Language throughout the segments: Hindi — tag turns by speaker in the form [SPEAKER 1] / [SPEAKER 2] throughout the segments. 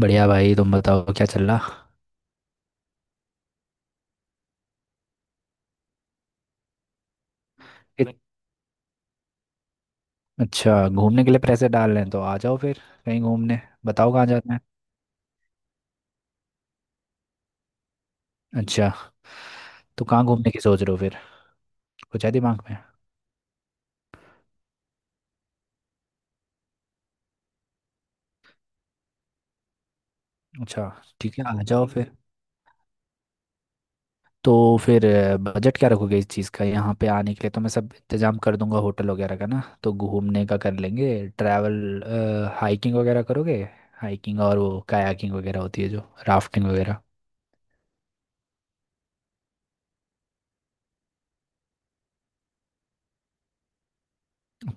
[SPEAKER 1] बढ़िया भाई। तुम बताओ क्या चल रहा। इत- अच्छा, घूमने के लिए पैसे डाल रहे हैं तो आ जाओ फिर कहीं घूमने। बताओ कहाँ जाना है। अच्छा, तो कहाँ घूमने की सोच रहे हो फिर? कुछ है दिमाग में? अच्छा, ठीक है आ जाओ फिर। तो फिर बजट क्या रखोगे इस चीज़ का? यहाँ पे आने के लिए तो मैं सब इंतजाम कर दूंगा होटल वगैरह का, ना तो घूमने का कर लेंगे ट्रैवल। हाइकिंग वगैरह करोगे? हाइकिंग और वो कायाकिंग वगैरह होती है जो, राफ्टिंग वगैरह।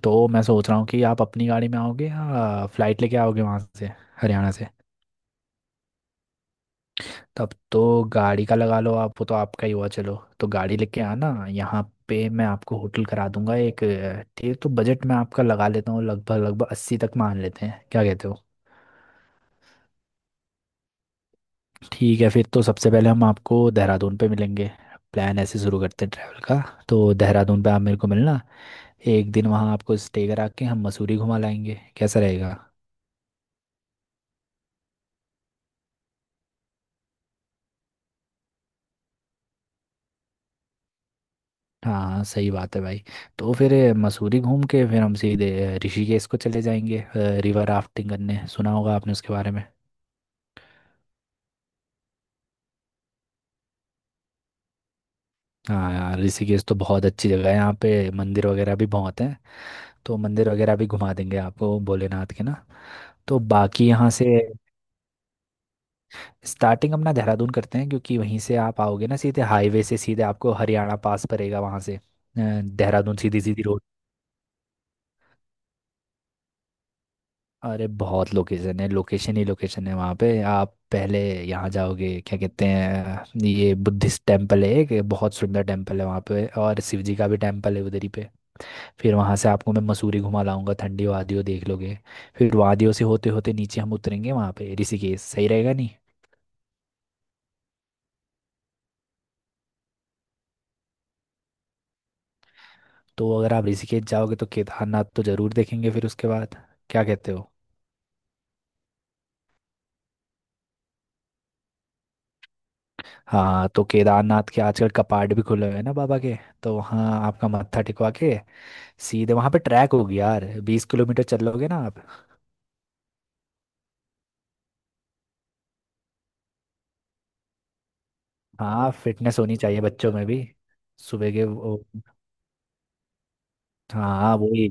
[SPEAKER 1] तो मैं सोच रहा हूँ कि आप अपनी गाड़ी में आओगे या फ्लाइट लेके आओगे वहाँ से? हरियाणा से? तब तो गाड़ी का लगा लो आप, वो तो आपका ही हुआ चलो। तो गाड़ी लेके आना, यहाँ पे मैं आपको होटल करा दूंगा एक ठीक। तो बजट मैं आपका लगा लेता हूँ लगभग लगभग अस्सी तक, मान लेते हैं क्या कहते हो? ठीक है, फिर तो सबसे पहले हम आपको देहरादून पे मिलेंगे। प्लान ऐसे शुरू करते हैं ट्रैवल का। तो देहरादून पे आप मेरे को मिलना, एक दिन वहाँ आपको स्टे करा के हम मसूरी घुमा लाएंगे, कैसा रहेगा? हाँ सही बात है भाई। तो फिर मसूरी घूम के फिर हम सीधे ऋषिकेश को चले जाएंगे रिवर राफ्टिंग करने। सुना होगा आपने उसके बारे में। हाँ यार, ऋषिकेश तो बहुत अच्छी जगह है, यहाँ पे मंदिर वगैरह भी बहुत हैं। तो मंदिर वगैरह भी घुमा देंगे आपको भोलेनाथ के ना। तो बाकी यहाँ से स्टार्टिंग अपना देहरादून करते हैं, क्योंकि वहीं से आप आओगे ना, सीधे हाईवे से सीधे आपको हरियाणा पास पड़ेगा, वहाँ से देहरादून सीधी सीधी रोड। अरे बहुत लोकेशन है, लोकेशन ही लोकेशन है वहाँ पे। आप पहले यहाँ जाओगे, क्या कहते हैं ये बुद्धिस्ट टेम्पल है, एक बहुत सुंदर टेम्पल है वहाँ पे, और शिव जी का भी टेम्पल है उधर ही पे। फिर वहाँ से आपको मैं मसूरी घुमा लाऊंगा, ठंडी वादियों देख लोगे। फिर वादियों से होते होते नीचे हम उतरेंगे वहाँ पे ऋषिकेश, सही रहेगा नहीं? तो अगर आप ऋषिकेश जाओगे तो केदारनाथ तो ज़रूर देखेंगे फिर उसके बाद, क्या कहते हो? हाँ तो केदारनाथ के आजकल कपाट भी खुले हुए हैं ना बाबा के। तो वहाँ आपका मत्था टिकवा के सीधे वहाँ पे ट्रैक होगी यार, 20 किलोमीटर चल लोगे ना आप? हाँ फिटनेस होनी चाहिए बच्चों में भी। सुबह के वो। हाँ वही,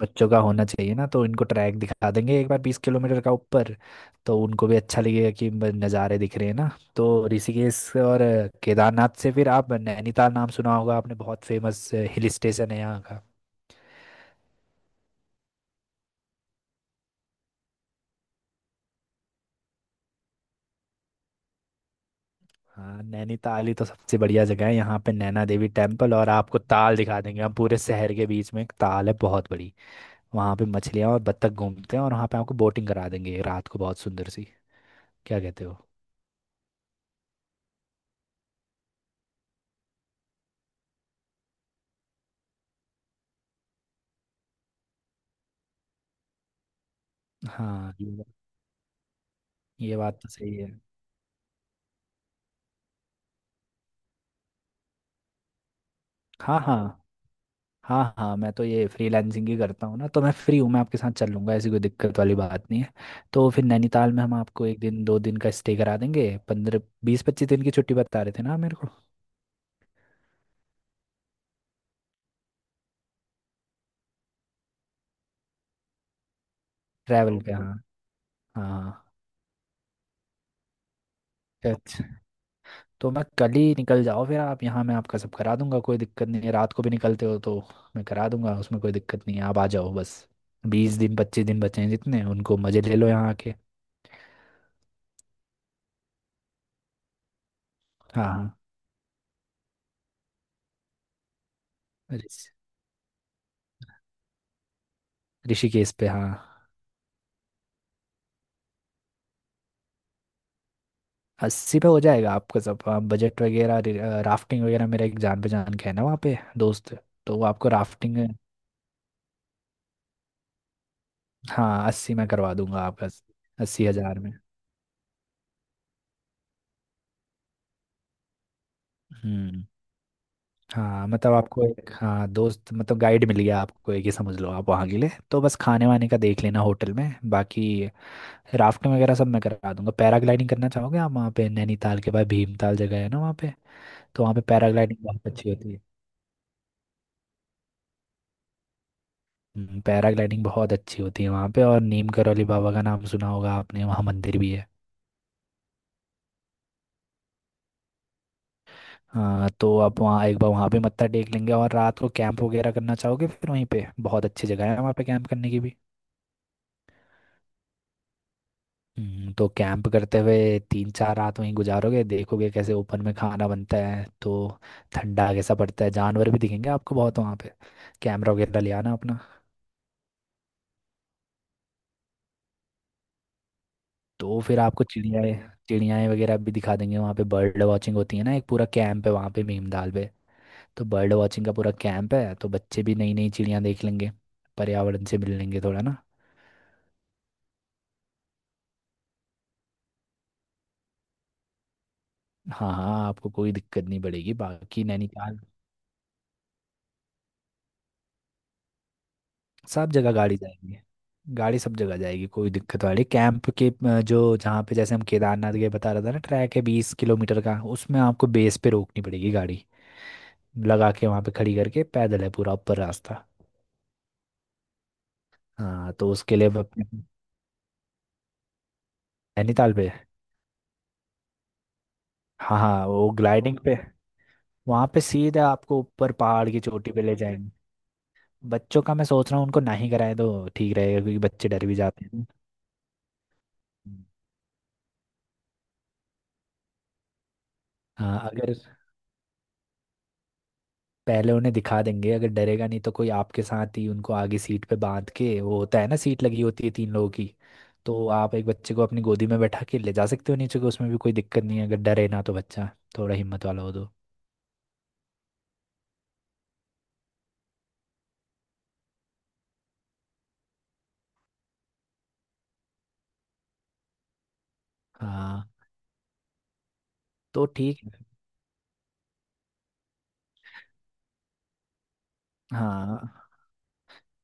[SPEAKER 1] बच्चों का होना चाहिए ना। तो इनको ट्रैक दिखा देंगे एक बार 20 किलोमीटर का ऊपर। तो उनको भी अच्छा लगेगा कि नज़ारे दिख रहे हैं ना। तो ऋषिकेश और केदारनाथ से फिर आप नैनीताल, नाम सुना होगा आपने, बहुत फेमस हिल स्टेशन है यहाँ का। हाँ नैनीताल ही तो सबसे बढ़िया जगह है यहाँ पे, नैना देवी टेम्पल, और आपको ताल दिखा देंगे हम, पूरे शहर के बीच में एक ताल है बहुत बड़ी। वहाँ पे मछलियाँ और बत्तख घूमते हैं, और वहाँ पे आपको बोटिंग करा देंगे रात को बहुत सुंदर सी, क्या कहते हो? हाँ ये बात, ये बात तो सही है। हाँ हाँ, हाँ हाँ मैं तो ये फ्रीलांसिंग ही करता हूँ ना, तो मैं फ्री हूँ, मैं आपके साथ चल लूँगा, ऐसी कोई दिक्कत वाली बात नहीं है। तो फिर नैनीताल में हम आपको एक दिन दो दिन का स्टे करा देंगे, 15 20 25 दिन की छुट्टी बता रहे थे ना मेरे को। ट्रैवल पे ओके हाँ। हाँ अच्छा, तो मैं कल ही निकल जाओ फिर आप यहाँ, मैं आपका सब करा दूंगा कोई दिक्कत नहीं है, रात को भी निकलते हो तो मैं करा दूंगा, उसमें कोई दिक्कत नहीं है, आप आ जाओ बस। 20 दिन 25 दिन बचे हैं जितने, उनको मज़े ले लो यहाँ आके। हाँ हाँ, ऋषि- ऋषिकेश पे हाँ। अस्सी पे हो जाएगा आपका सब, बजट वगैरह राफ्टिंग वगैरह मेरा एक जान पहचान का है ना वहाँ पे दोस्त, तो वो आपको राफ्टिंग। हाँ अस्सी में करवा दूंगा आपका, 80 हज़ार में। हम्म। हाँ मतलब आपको एक हाँ दोस्त मतलब गाइड मिल गया आपको एक ही, समझ लो आप वहाँ के लिए, तो बस खाने वाने का देख लेना होटल में, बाकी राफ्टिंग वगैरह सब मैं करा दूंगा। पैराग्लाइडिंग करना चाहोगे आप? वहाँ पे नैनीताल के बाद भीमताल जगह है ना, वहाँ पे तो वहाँ पे पैराग्लाइडिंग बहुत अच्छी होती है। पैराग्लाइडिंग बहुत अच्छी होती है वहाँ पे, और नीम करौली बाबा का नाम सुना होगा आपने, वहाँ मंदिर भी है। हाँ तो आप वहाँ एक बार वहाँ पे मत्था टेक लेंगे और रात को कैंप वगैरह करना चाहोगे? फिर वहीं पे बहुत अच्छी जगह है वहाँ पे कैंप करने की भी। तो कैंप करते हुए 3 4 रात वहीं गुजारोगे, देखोगे कैसे ओपन में खाना बनता है, तो ठंडा कैसा पड़ता है, जानवर भी दिखेंगे आपको बहुत वहाँ पे। कैमरा वगैरह ले आना अपना। तो फिर आपको चिड़ियाएँ चिड़ियाएँ वगैरह भी दिखा देंगे वहाँ पे, बर्ड वॉचिंग होती है ना, एक पूरा कैंप है वहाँ पे भीमताल पे। तो बर्ड वॉचिंग का पूरा कैंप है, तो बच्चे भी नई नई चिड़ियाँ देख लेंगे, पर्यावरण से मिल लेंगे थोड़ा ना। हाँ हाँ आपको कोई दिक्कत नहीं पड़ेगी बाकी नैनीताल। सब जगह गाड़ी जाएगी, गाड़ी सब जगह जाएगी, कोई दिक्कत वाली कैंप के जो जहाँ पे जैसे हम केदारनाथ के बता रहा था ना, ट्रैक है 20 किलोमीटर का, उसमें आपको बेस पे रोकनी पड़ेगी गाड़ी, लगा के वहाँ पे खड़ी करके पैदल है पूरा ऊपर रास्ता। हाँ तो उसके लिए वो नैनीताल पे। हाँ हाँ वो ग्लाइडिंग पे, वहाँ पे सीधा आपको ऊपर पहाड़ की चोटी पे ले जाएंगे। बच्चों का मैं सोच रहा हूँ उनको ना ही कराए तो ठीक रहेगा, क्योंकि बच्चे डर भी जाते हैं ना। हम्म। हाँ अगर, पहले उन्हें दिखा देंगे, अगर डरेगा नहीं तो कोई आपके साथ ही उनको आगे सीट पे बांध के, वो होता है ना सीट लगी होती है तीन लोगों की। तो आप एक बच्चे को अपनी गोदी में बैठा के ले जा सकते हो नीचे को, उसमें भी कोई दिक्कत नहीं है, अगर डरे ना तो, बच्चा थोड़ा हिम्मत वाला हो तो। हाँ। तो ठीक है। हाँ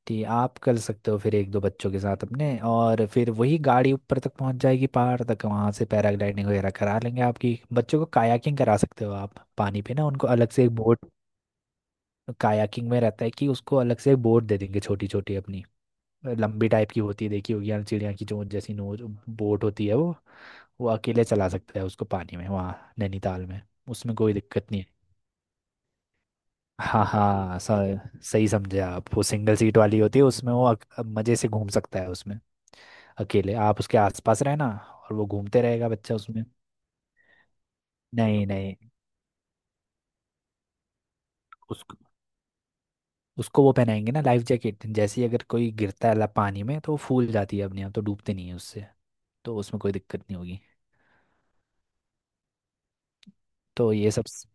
[SPEAKER 1] कि आप कर सकते हो फिर एक दो बच्चों के साथ अपने, और फिर वही गाड़ी ऊपर तक पहुंच जाएगी पहाड़ तक, वहां से पैराग्लाइडिंग वगैरह करा लेंगे आपकी, बच्चों को कायाकिंग करा सकते हो आप पानी पे ना, उनको अलग से एक बोट। कायाकिंग में रहता है कि उसको अलग से एक बोट दे देंगे, छोटी छोटी अपनी लंबी टाइप की होती है, देखी होगी यार चिड़िया की चोंच जैसी नोच बोट होती है वो। वो अकेले चला सकता है उसको पानी में वहाँ नैनीताल में, उसमें कोई दिक्कत नहीं है। हाँ हाँ, सही समझे आप, वो सिंगल सीट वाली होती है, उसमें वो मजे से घूम सकता है उसमें, अकेले आप उसके आसपास रहना और वो घूमते रहेगा बच्चा उसमें। नहीं नहीं, उसको, उसको वो पहनाएंगे ना लाइफ जैकेट, जैसे ही अगर कोई गिरता है पानी में, तो वो फूल जाती है अपने आप, तो डूबते नहीं है उससे, तो उसमें कोई दिक्कत नहीं होगी। तो ये सब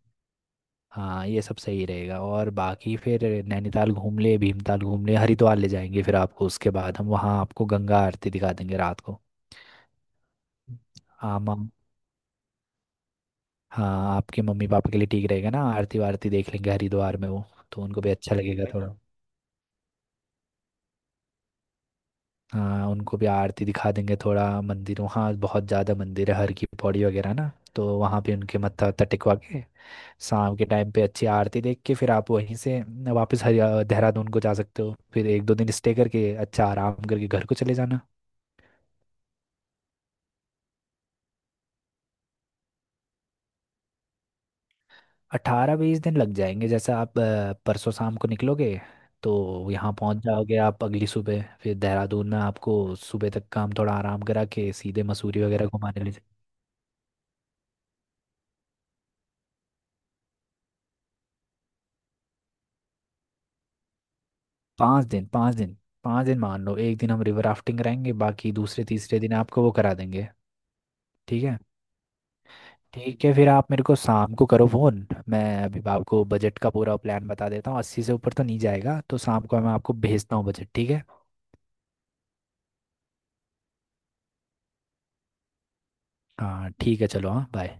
[SPEAKER 1] हाँ, ये सब सही रहेगा और बाकी फिर नैनीताल घूम ले, भीमताल घूम ले, हरिद्वार ले जाएंगे फिर आपको उसके बाद, हम वहाँ आपको गंगा आरती दिखा देंगे रात को। आमा, हाँ आपके मम्मी पापा के लिए ठीक रहेगा ना, आरती वारती देख लेंगे हरिद्वार में वो। तो उनको भी अच्छा ठीक लगेगा है थोड़ा। हाँ उनको भी आरती दिखा देंगे, थोड़ा मंदिरों, हाँ बहुत ज़्यादा मंदिर है, हर की पौड़ी वगैरह ना तो वहाँ पे उनके मत्था वत्था टिकवा के शाम के टाइम पे अच्छी आरती देख के, फिर आप वहीं से वापस हरि देहरादून को जा सकते हो, फिर एक दो दिन स्टे करके अच्छा आराम करके घर को चले जाना। 18 20 दिन लग जाएंगे, जैसे आप परसों शाम को निकलोगे तो यहाँ पहुँच जाओगे आप अगली सुबह, फिर देहरादून में आपको सुबह तक काम थोड़ा आराम करा के सीधे मसूरी वगैरह घुमाने ले जाए। 5 दिन 5 दिन, 5 दिन मान लो, एक दिन हम रिवर राफ्टिंग कराएंगे, बाकी दूसरे तीसरे दिन आपको वो करा देंगे। ठीक है। ठीक है फिर आप मेरे को शाम को करो फ़ोन, मैं अभी आपको बजट का पूरा प्लान बता देता हूँ, अस्सी से ऊपर तो नहीं जाएगा, तो शाम को मैं आपको भेजता हूँ बजट, ठीक है? हाँ ठीक है चलो, हाँ बाय।